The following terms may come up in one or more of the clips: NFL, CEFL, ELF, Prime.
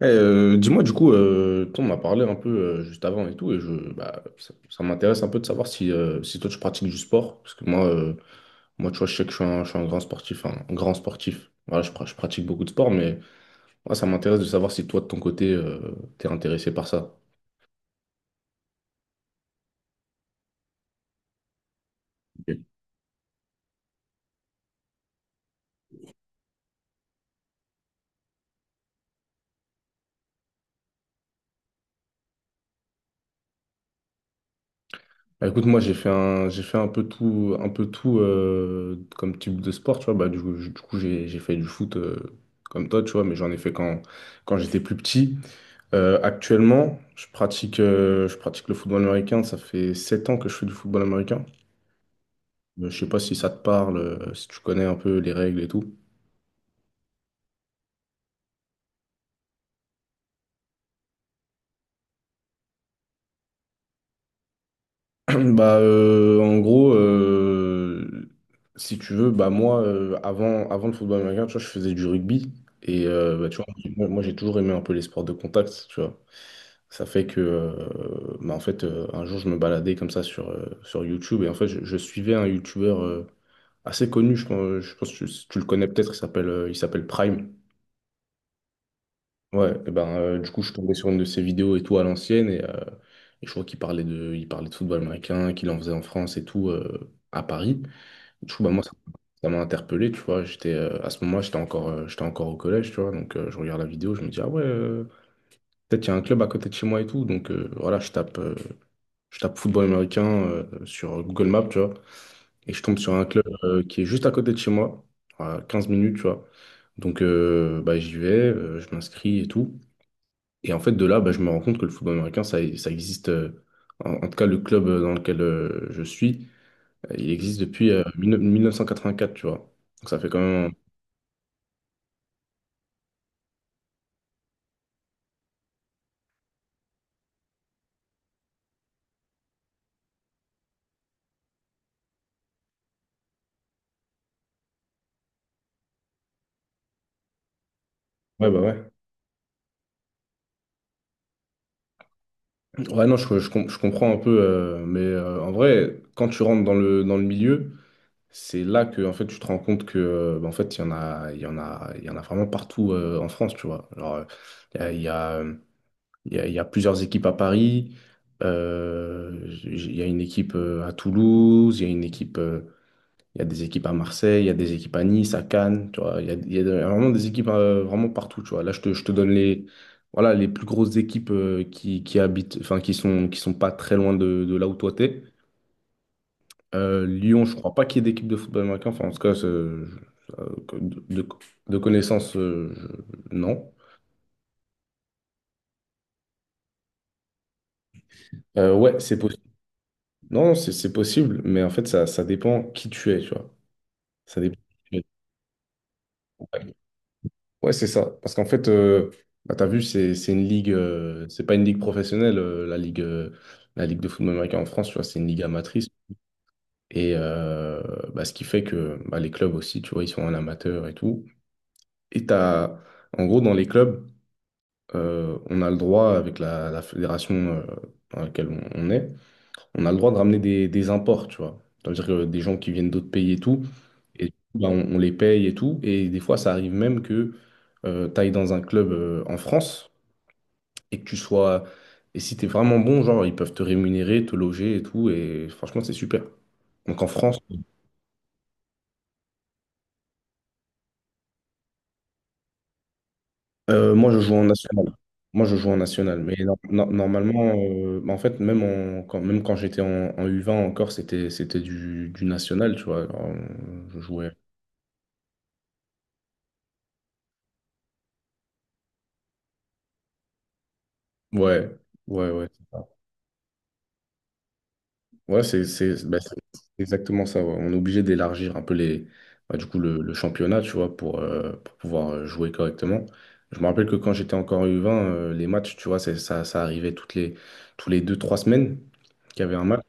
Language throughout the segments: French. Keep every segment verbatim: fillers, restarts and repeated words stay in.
Eh, euh, dis-moi du coup, euh, on m'a parlé un peu euh, juste avant et tout, et je, bah, ça, ça m'intéresse un peu de savoir si, euh, si toi tu pratiques du sport, parce que moi, euh, moi tu vois, je sais que je suis un, je suis un grand sportif, hein, un grand sportif. Voilà, je, pra- je pratique beaucoup de sport, mais moi ça m'intéresse de savoir si toi de ton côté, euh, t'es intéressé par ça. Bah, écoute, moi j'ai fait un, j'ai fait un peu tout, un peu tout euh, comme type de sport, tu vois. Bah, du coup, j- du coup, j'ai j'ai fait du foot euh, comme toi, tu vois, mais j'en ai fait quand, quand j'étais plus petit. Euh, actuellement, je pratique, euh, je pratique le football américain. Ça fait sept ans que je fais du football américain. Euh, Je sais pas si ça te parle, euh, si tu connais un peu les règles et tout. Bah, euh, en gros, euh, Si tu veux, bah moi, euh, avant, avant le football américain, tu vois, je faisais du rugby. Et euh, bah, tu vois, moi, moi, j'ai toujours aimé un peu les sports de contact, tu vois. Ça fait que, euh, bah, en fait, euh, un jour, je me baladais comme ça sur, euh, sur YouTube. Et en fait, je, je suivais un YouTuber euh, assez connu, je pense, je pense que tu, tu le connais peut-être, il s'appelle euh, il s'appelle Prime. Ouais, et ben, euh, du coup, je suis tombé sur une de ses vidéos et tout à l'ancienne, et, euh, et je crois qu'il parlait de, il parlait de football américain, qu'il en faisait en France et tout, euh, à Paris. Du coup, bah, moi, ça, ça m'a interpellé, tu vois. J'étais, euh, à ce moment-là, j'étais encore, euh, j'étais encore au collège, tu vois. Donc, euh, je regarde la vidéo, je me dis, ah ouais, euh, peut-être qu'il y a un club à côté de chez moi et tout. Donc, euh, voilà, je tape, euh, je tape football américain, euh, sur Google Maps, tu vois. Et je tombe sur un club, euh, qui est juste à côté de chez moi, à quinze minutes, tu vois. Donc, euh, bah, j'y vais, euh, je m'inscris et tout. Et en fait, de là, bah, je me rends compte que le football américain, ça, ça existe, euh, en, en tout cas le club euh, dans lequel euh, je suis, euh, il existe depuis euh, 19- mille neuf cent quatre-vingt-quatre, tu vois. Donc ça fait quand même... Ouais, bah ouais. Ouais, non, je, je com- je comprends un peu, euh, mais euh, en vrai, quand tu rentres dans le, dans le milieu, c'est là que en fait, tu te rends compte que euh, bah, en fait, il y en a, il y en a, il y en a vraiment partout euh, en France, tu vois. Genre, euh, il y a, il y a, euh, il y a- il y a plusieurs équipes à Paris, euh, j- il y a une équipe euh, à Toulouse, il y a une équipe euh, il y a des équipes à Marseille, il y a des équipes à Nice, à Cannes, tu vois. Il y a, il y a de- vraiment des équipes euh, vraiment partout, tu vois. Là, je te, je te donne les, voilà, les plus grosses équipes euh, qui, qui habitent, enfin, qui sont, qui sont pas très loin de, de là où toi t'es. Euh, Lyon, je crois pas qu'il y ait d'équipe de football américain. Enfin, en tout cas, c'est- euh, que- de, de de connaissance, euh, je- non. Euh, ouais, c'est possible. Non, c'est c'est possible, mais en fait, ça, ça dépend qui tu es, tu vois. Ça dépend qui tu es. Ouais, c'est ça. Parce qu'en fait, euh, bah, t'as vu, c'est c'est une ligue, euh, c'est pas une ligue professionnelle, euh, la ligue, euh, la ligue de football américain en France, tu vois, c'est une ligue amatrice. Et euh, bah, ce qui fait que bah, les clubs aussi, tu vois, ils sont en amateur et tout. Et t'as, en gros, dans les clubs, euh, on a le droit, avec la, la fédération euh, dans laquelle on, on est, on a le droit de ramener des, des imports, tu vois. C'est-à-dire que des gens qui viennent d'autres pays et tout. Et du coup, bah, on, on les paye et tout. Et des fois, ça arrive même que tu ailles dans un club euh, en France et que tu sois. Et si tu es vraiment bon, genre, ils peuvent te rémunérer, te loger et tout. Et franchement, c'est super. Donc en France, euh, moi, je joue en national. Moi, je joue en national. Mais no- no- normalement, euh, bah, en fait, même, en- quand, même quand j'étais en, en U vingt encore, c'était, c'était du, du national, tu vois. Alors, euh, je jouais. Ouais, ouais, ouais. Ouais, c'est c'est- bah, c'est exactement ça. Ouais. On est obligé d'élargir un peu les, bah, du coup, le, le championnat, tu vois, pour, euh, pour pouvoir euh, jouer correctement. Je me rappelle que quand j'étais encore U vingt, euh, les matchs, tu vois, c'est- ça, ça arrivait toutes les, tous les deux, trois semaines qu'il y avait un match.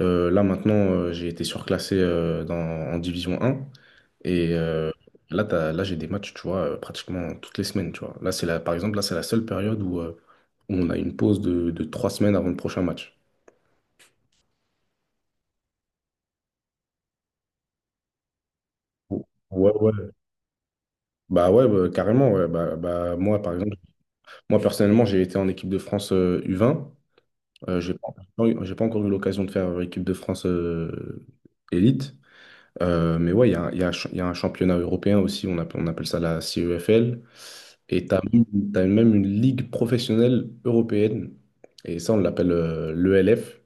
Euh, là, maintenant, euh, j'ai été surclassé euh, dans, en Division un. Et euh, là, t'as- là, j'ai des matchs, tu vois, euh, pratiquement toutes les semaines, tu vois. Là, c'est la, par exemple, là, c'est la seule période où, euh, où on a une pause de, de trois semaines avant le prochain match. Ouais, ouais. Bah ouais, bah, carrément, ouais. Bah, bah, moi, par exemple, moi personnellement, j'ai été en équipe de France euh, U vingt. Euh, j'ai pas, j'ai pas encore eu l'occasion de faire euh, équipe de France euh, élite. Euh, mais ouais, il y a, un il y a un ch- il y a un championnat européen aussi, on appelle, on appelle ça la C E F L. Et t'as, même t'as même une ligue professionnelle européenne. Et ça, on l'appelle l'E L F.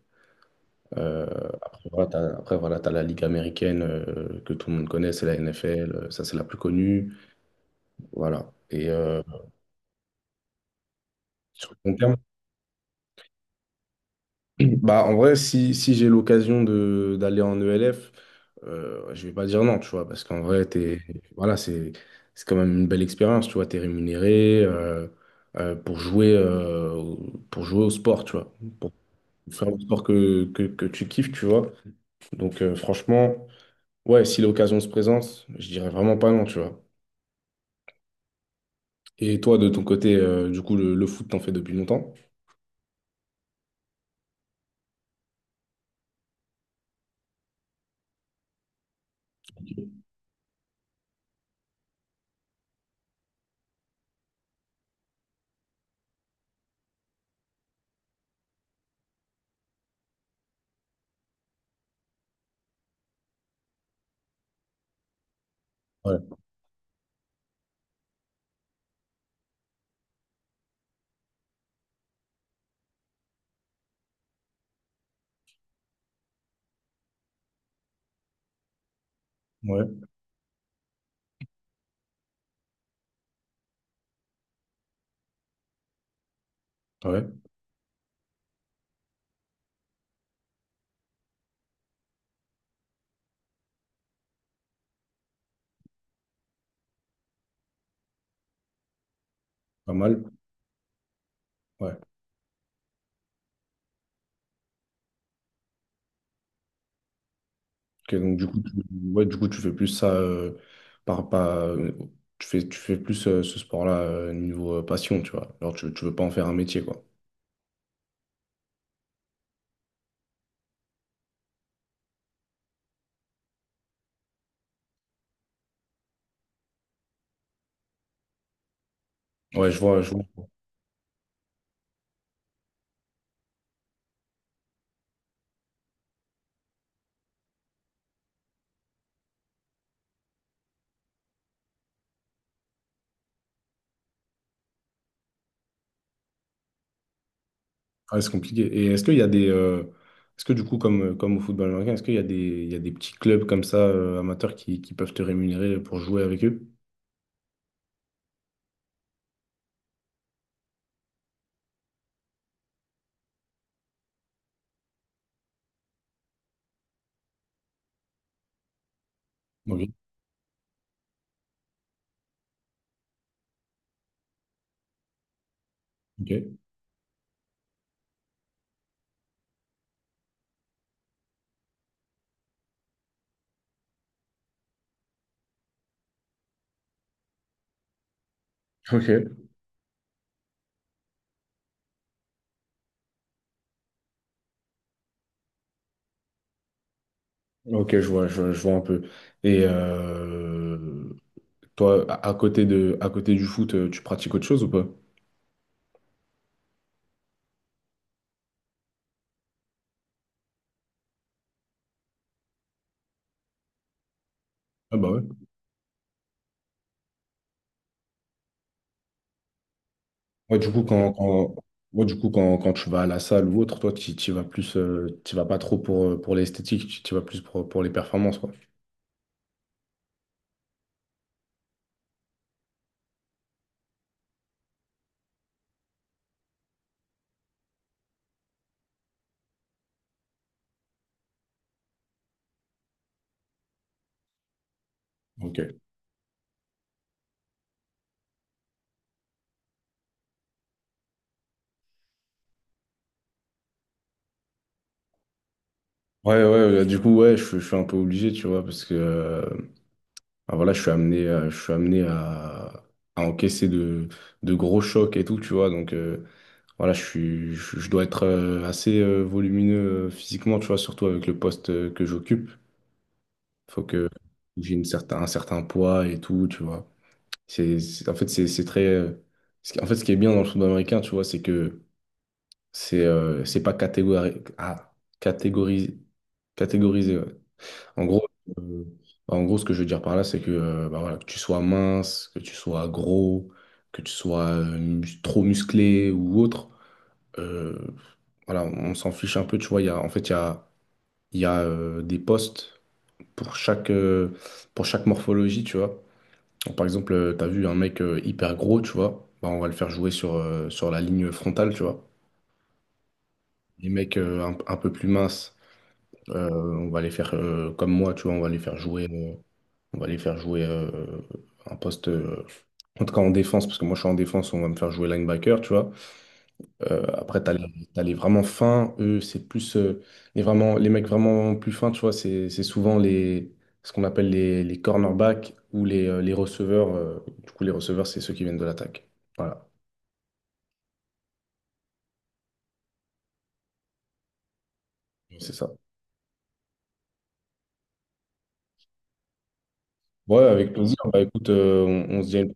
Après, voilà, t'as, après, voilà, t'as la ligue américaine euh, que tout le monde connaît, c'est la N F L. euh, Ça, c'est la plus connue. Voilà. Et, euh, sur le long terme, bah, en vrai, si, si j'ai l'occasion de d'aller en E L F, euh, je vais pas dire non, tu vois, parce qu'en vrai, t'es, voilà, c'est c'est quand même une belle expérience, tu vois, t'es rémunéré euh, euh, pour jouer euh, au- pour jouer au sport, tu vois, pour faire le sport que, que, que tu kiffes, tu vois. Donc euh, franchement, ouais, si l'occasion se présente, je dirais vraiment pas non, tu vois. Et toi, de ton côté, euh, du coup, le, le foot, t'en fais depuis longtemps? Ouais, ouais, ouais, pas mal. Ouais. Ok, donc du coup, tu, ouais, du coup, tu fais plus ça euh, par, par- euh, tu fais, tu fais plus euh, ce sport-là euh, niveau euh, passion, tu vois. Alors tu, tu veux pas en faire un métier, quoi. Ouais, je vois, je vois. Ouais, c'est compliqué. Et est-ce qu'il y a des, euh, est-ce que du coup, comme, euh, comme au football américain, est-ce qu'il y a des, il y a des petits clubs comme ça euh, amateurs qui, qui peuvent te rémunérer pour jouer avec eux? Ok, ok, ok, ok, je vois, je, vois je vois un peu. Et euh, toi, à à côté de, à côté du foot, euh, tu pratiques autre chose ou pas? Ah bah ouais. Ouais, du coup, quand, quand, ouais, du coup, quand, quand tu vas à la salle ou autre, toi, tu tu y vas plus, euh, tu y vas pas trop pour, euh, pour l'esthétique, tu tu y vas plus pour, pour les performances, quoi. Ok. Ouais, ouais, euh, du coup, ouais, je, suis je suis un peu obligé, tu vois, parce que euh, ah, voilà, je suis amené, à- je suis amené à, à encaisser de, de gros chocs et tout, tu vois, donc euh, voilà, je suis, je, je dois être euh, assez euh, volumineux euh, physiquement, tu vois, surtout avec le poste euh, que j'occupe. Faut que j'ai une certain, un certain poids et tout, tu vois. C'est, c'est- en fait, c'est c'est très. Euh, ce qui- En fait, ce qui est bien dans le football américain, tu vois, c'est que c'est euh, c'est pas catégori- ah, catégorisé. Catégorisé, ouais. En gros, euh, En gros, ce que je veux dire par là, c'est que, euh, bah voilà, que tu sois mince, que tu sois gros, que tu sois euh, mus- trop musclé ou autre, euh, voilà, on s'en fiche un peu, tu vois. Il y a, en fait, il y a, il y a euh, des postes pour chaque, euh, pour chaque morphologie, tu vois. Donc, par exemple, euh, t'as vu un mec euh, hyper gros, tu vois, bah, on va le faire jouer sur, euh, sur la ligne frontale, tu vois. Les mecs euh, un, un peu plus minces, euh, on va les faire euh, comme moi, tu vois, on va les faire jouer, euh, on va les faire jouer euh, un poste, euh, en tout cas en défense, parce que moi je suis en défense, on va me faire jouer linebacker, tu vois. Euh, après, t'as les, t'as les vraiment fins, eux, c'est plus euh, les, vraiment, les mecs vraiment plus fins, tu vois, c'est c'est souvent les, ce qu'on appelle les, les cornerbacks ou les, euh, les receveurs. Euh, du coup, les receveurs, c'est ceux qui viennent de l'attaque. Voilà, c'est ça. Ouais, avec plaisir. Bah écoute, euh, on, on se dit, à une-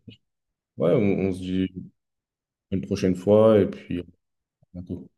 ouais, on, on se dit à une prochaine fois et puis à bientôt.